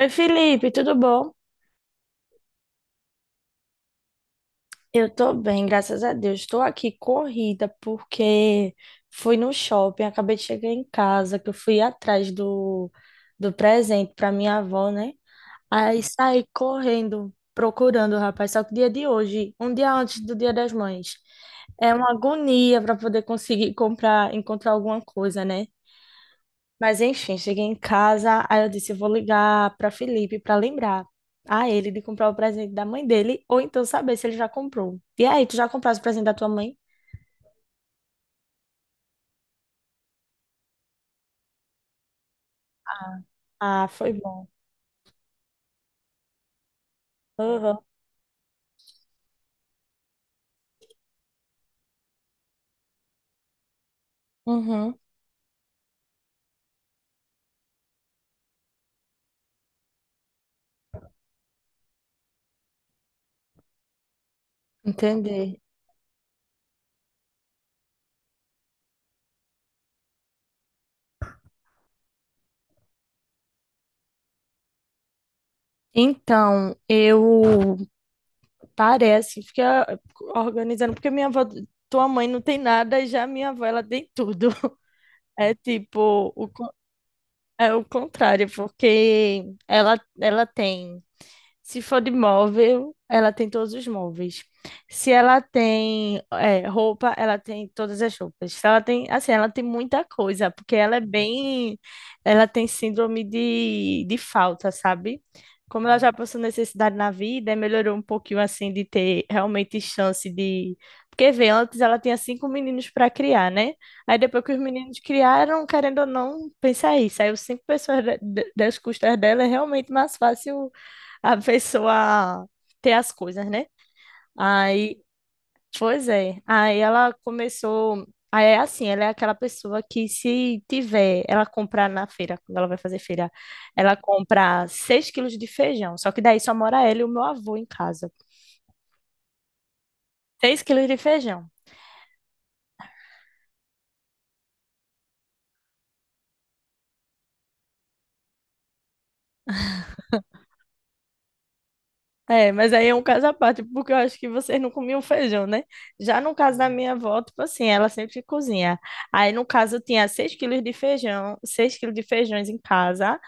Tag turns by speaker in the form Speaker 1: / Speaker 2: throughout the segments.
Speaker 1: Oi, Felipe, tudo bom? Eu tô bem, graças a Deus. Estou aqui corrida porque fui no shopping, acabei de chegar em casa, que eu fui atrás do presente para minha avó, né? Aí saí correndo, procurando o rapaz, só que dia de hoje, um dia antes do Dia das Mães. É uma agonia para poder conseguir comprar, encontrar alguma coisa, né? Mas enfim, cheguei em casa, aí eu disse, eu vou ligar para Felipe para lembrar a ele de comprar o presente da mãe dele, ou então saber se ele já comprou. E aí, tu já compraste o presente da tua mãe? Ah, foi bom. Aham. Uhum. Entendi. Então, eu parece assim, fiquei organizando, porque minha avó, tua mãe não tem nada, e já minha avó, ela tem tudo. É tipo, é o contrário, porque ela tem. Se for de móvel, ela tem todos os móveis. Se ela tem é, roupa, ela tem todas as roupas. Se ela tem, assim, ela tem muita coisa, porque ela é bem, ela tem síndrome de falta, sabe? Como ela já passou necessidade na vida, melhorou um pouquinho assim de ter realmente chance de. Porque vê, antes ela tinha cinco meninos para criar, né? Aí depois que os meninos criaram, querendo ou não, pensa isso. Aí os cinco pessoas das custas dela é realmente mais fácil a pessoa ter as coisas, né? Aí, pois é. Aí ela começou. Aí é assim, ela é aquela pessoa que se tiver, ela comprar na feira, quando ela vai fazer feira, ela compra 6 quilos de feijão. Só que daí só mora ela e o meu avô em casa. 6 quilos de feijão. É, mas aí é um caso à parte, porque eu acho que vocês não comiam feijão, né? Já no caso da minha avó, tipo assim, ela sempre cozinha. Aí, no caso, eu tinha 6 quilos de feijão, 6 quilos de feijões em casa.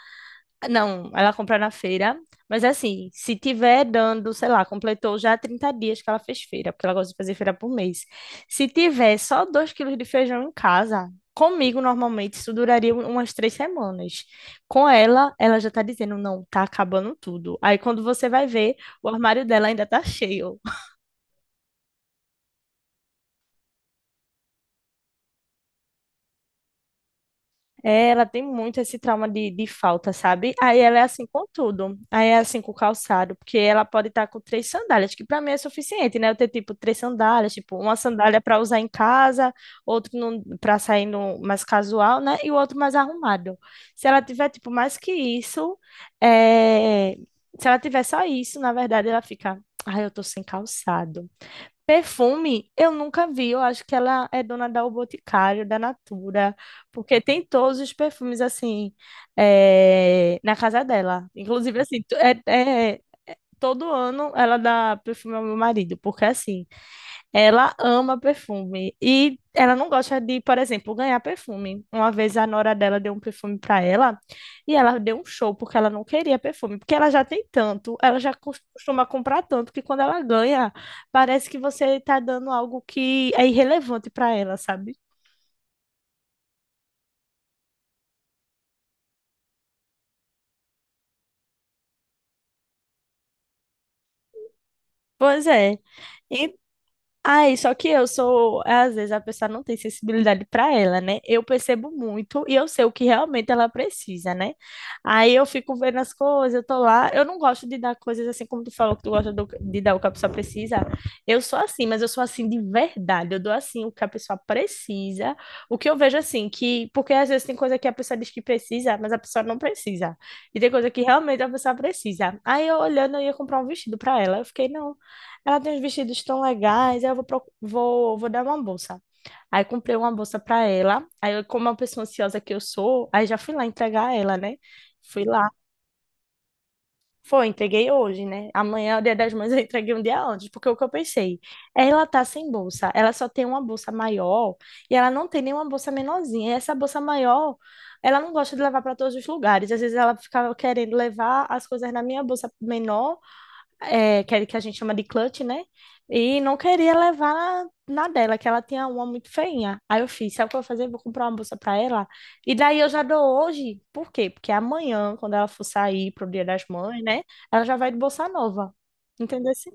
Speaker 1: Não, ela compra na feira, mas é assim, se tiver dando, sei lá, completou já 30 dias que ela fez feira, porque ela gosta de fazer feira por mês. Se tiver só 2 quilos de feijão em casa, comigo normalmente isso duraria umas 3 semanas. Com ela, ela já tá dizendo, não, tá acabando tudo. Aí quando você vai ver, o armário dela ainda tá cheio. É, ela tem muito esse trauma de falta, sabe? Aí ela é assim com tudo. Aí é assim com o calçado, porque ela pode estar com três sandálias, que para mim é suficiente, né? Eu ter tipo três sandálias, tipo uma sandália para usar em casa, outro para sair no, mais casual, né? E o outro mais arrumado. Se ela tiver tipo mais que isso, é, se ela tiver só isso, na verdade ela fica, ai, eu tô sem calçado. Perfume, eu nunca vi. Eu acho que ela é dona da O Boticário, da Natura, porque tem todos os perfumes assim na casa dela. Inclusive assim, todo ano ela dá perfume ao meu marido, porque assim, ela ama perfume e ela não gosta de, por exemplo, ganhar perfume. Uma vez a nora dela deu um perfume para ela e ela deu um show porque ela não queria perfume, porque ela já tem tanto, ela já costuma comprar tanto que quando ela ganha, parece que você está dando algo que é irrelevante para ela, sabe? Pois é. Ai, só que eu sou, às vezes a pessoa não tem sensibilidade para ela, né? Eu percebo muito e eu sei o que realmente ela precisa, né? Aí eu fico vendo as coisas, eu tô lá, eu não gosto de dar coisas assim como tu falou que tu gosta de dar o que a pessoa precisa. Eu sou assim, mas eu sou assim de verdade. Eu dou assim o que a pessoa precisa, o que eu vejo assim que, porque às vezes tem coisa que a pessoa diz que precisa, mas a pessoa não precisa. E tem coisa que realmente a pessoa precisa. Aí eu olhando, eu ia comprar um vestido para ela, eu fiquei, não, ela tem uns vestidos tão legais, aí eu vou, vou dar uma bolsa. Aí comprei uma bolsa para ela. Aí, eu, como é uma pessoa ansiosa que eu sou, aí já fui lá entregar ela, né? Fui lá. Foi, entreguei hoje, né? Amanhã, o dia das mães, eu entreguei um dia antes, porque o que eu pensei, ela tá sem bolsa, ela só tem uma bolsa maior e ela não tem nenhuma bolsa menorzinha. E essa bolsa maior, ela não gosta de levar para todos os lugares. Às vezes ela ficava querendo levar as coisas na minha bolsa menor é, que a gente chama de clutch, né? E não queria levar na dela, que ela tinha uma muito feinha. Aí eu fiz, sabe o que eu vou fazer? Vou comprar uma bolsa para ela. E daí eu já dou hoje. Por quê? Porque amanhã, quando ela for sair pro Dia das Mães, né? Ela já vai de bolsa nova. Entendeu? Assim?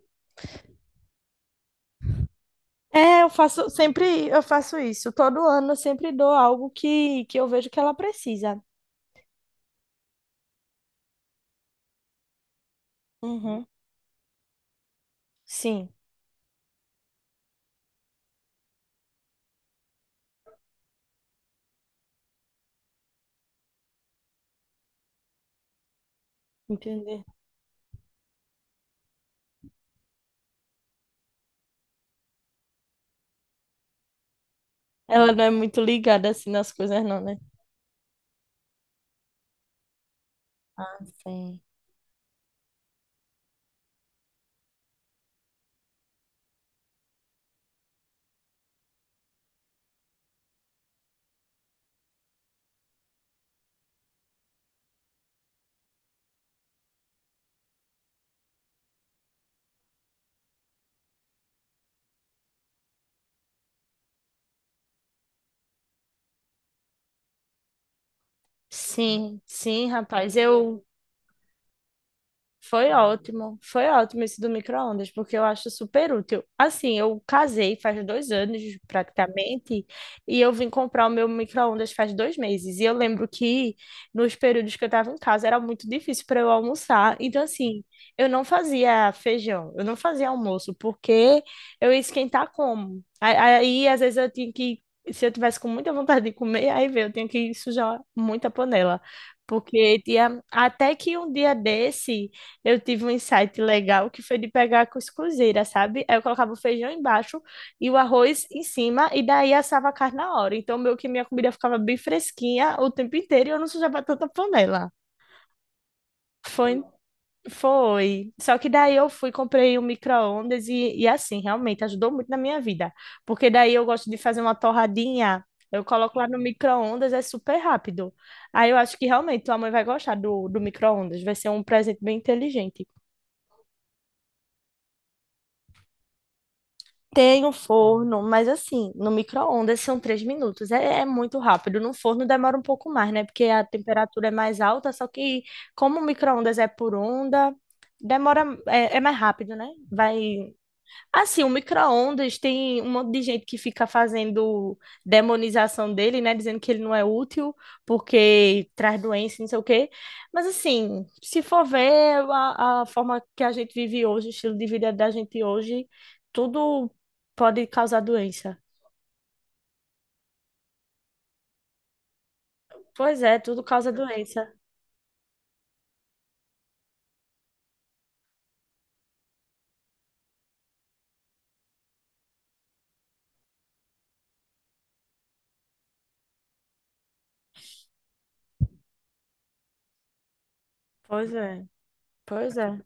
Speaker 1: É, eu faço sempre, eu faço isso. Todo ano eu sempre dou algo que eu vejo que ela precisa. Uhum. Sim, entender. Ela não é muito ligada assim nas coisas, não, né? Sim. Sim, sim, rapaz. Eu. Foi ótimo esse do micro-ondas, porque eu acho super útil. Assim, eu casei faz 2 anos, praticamente, e eu vim comprar o meu micro-ondas faz 2 meses. E eu lembro que nos períodos que eu estava em casa era muito difícil para eu almoçar. Então, assim, eu não fazia feijão, eu não fazia almoço, porque eu ia esquentar como? A- Aí, às vezes, eu tinha que. Se eu tivesse com muita vontade de comer, aí veio, eu tinha que sujar muita panela. Porque tinha, até que um dia desse eu tive um insight legal que foi de pegar a cuscuzeira, sabe? Aí eu colocava o feijão embaixo e o arroz em cima, e daí assava a carne na hora. Então, meio que minha comida ficava bem fresquinha o tempo inteiro e eu não sujava tanta panela. Foi, foi. Só que daí eu fui, comprei um micro-ondas e assim, realmente ajudou muito na minha vida. Porque daí eu gosto de fazer uma torradinha. Eu coloco lá no micro-ondas, é super rápido. Aí eu acho que realmente tua mãe vai gostar do micro-ondas. Vai ser um presente bem inteligente. Tem um forno, mas assim, no micro-ondas são 3 minutos. É, é muito rápido. No forno demora um pouco mais, né? Porque a temperatura é mais alta, só que como o micro-ondas é por onda, demora, é, é mais rápido, né? Vai. Assim, o micro-ondas tem um monte de gente que fica fazendo demonização dele, né? Dizendo que ele não é útil porque traz doença, não sei o quê. Mas, assim, se for ver a forma que a gente vive hoje, o estilo de vida da gente hoje, tudo pode causar doença. Pois é, tudo causa doença. Pois é, pois é.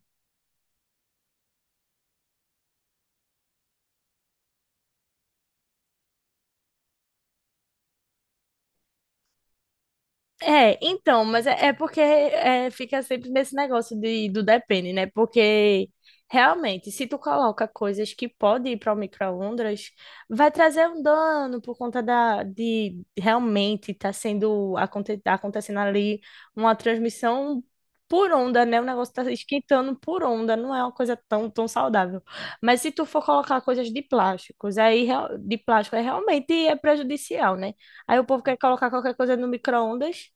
Speaker 1: É, então, mas é, é porque é, fica sempre nesse negócio de, do depende, né? Porque realmente, se tu coloca coisas que podem ir para o micro-ondas, vai trazer um dano por conta da, de realmente estar sendo tá acontecendo ali uma transmissão por onda, né? O negócio tá esquentando por onda, não é uma coisa tão, tão saudável. Mas se tu for colocar coisas de plásticos, aí de plástico, aí realmente é prejudicial, né? Aí o povo quer colocar qualquer coisa no micro-ondas.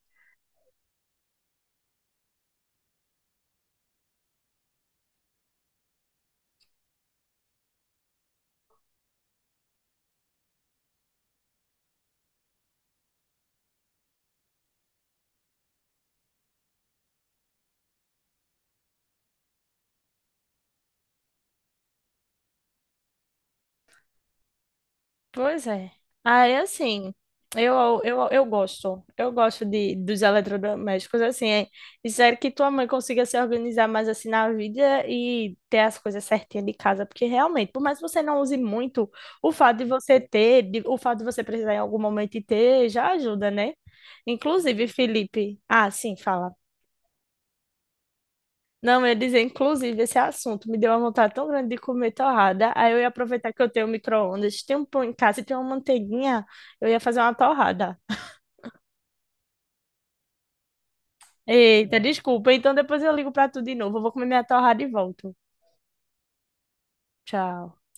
Speaker 1: Pois é. Aí, assim, eu gosto. Eu gosto dos eletrodomésticos, assim. É, espero que tua mãe consiga se organizar mais, assim, na vida e ter as coisas certinhas de casa. Porque, realmente, por mais que você não use muito, o fato de você ter, o fato de você precisar em algum momento e ter, já ajuda, né? Inclusive, Felipe... Ah, sim, fala. Não, eu ia dizer, inclusive, esse assunto me deu uma vontade tão grande de comer torrada. Aí eu ia aproveitar que eu tenho um micro-ondas, tem um pão em casa e tem uma manteiguinha, eu ia fazer uma torrada. Eita, desculpa. Então depois eu ligo pra tu de novo. Eu vou comer minha torrada e volto. Tchau.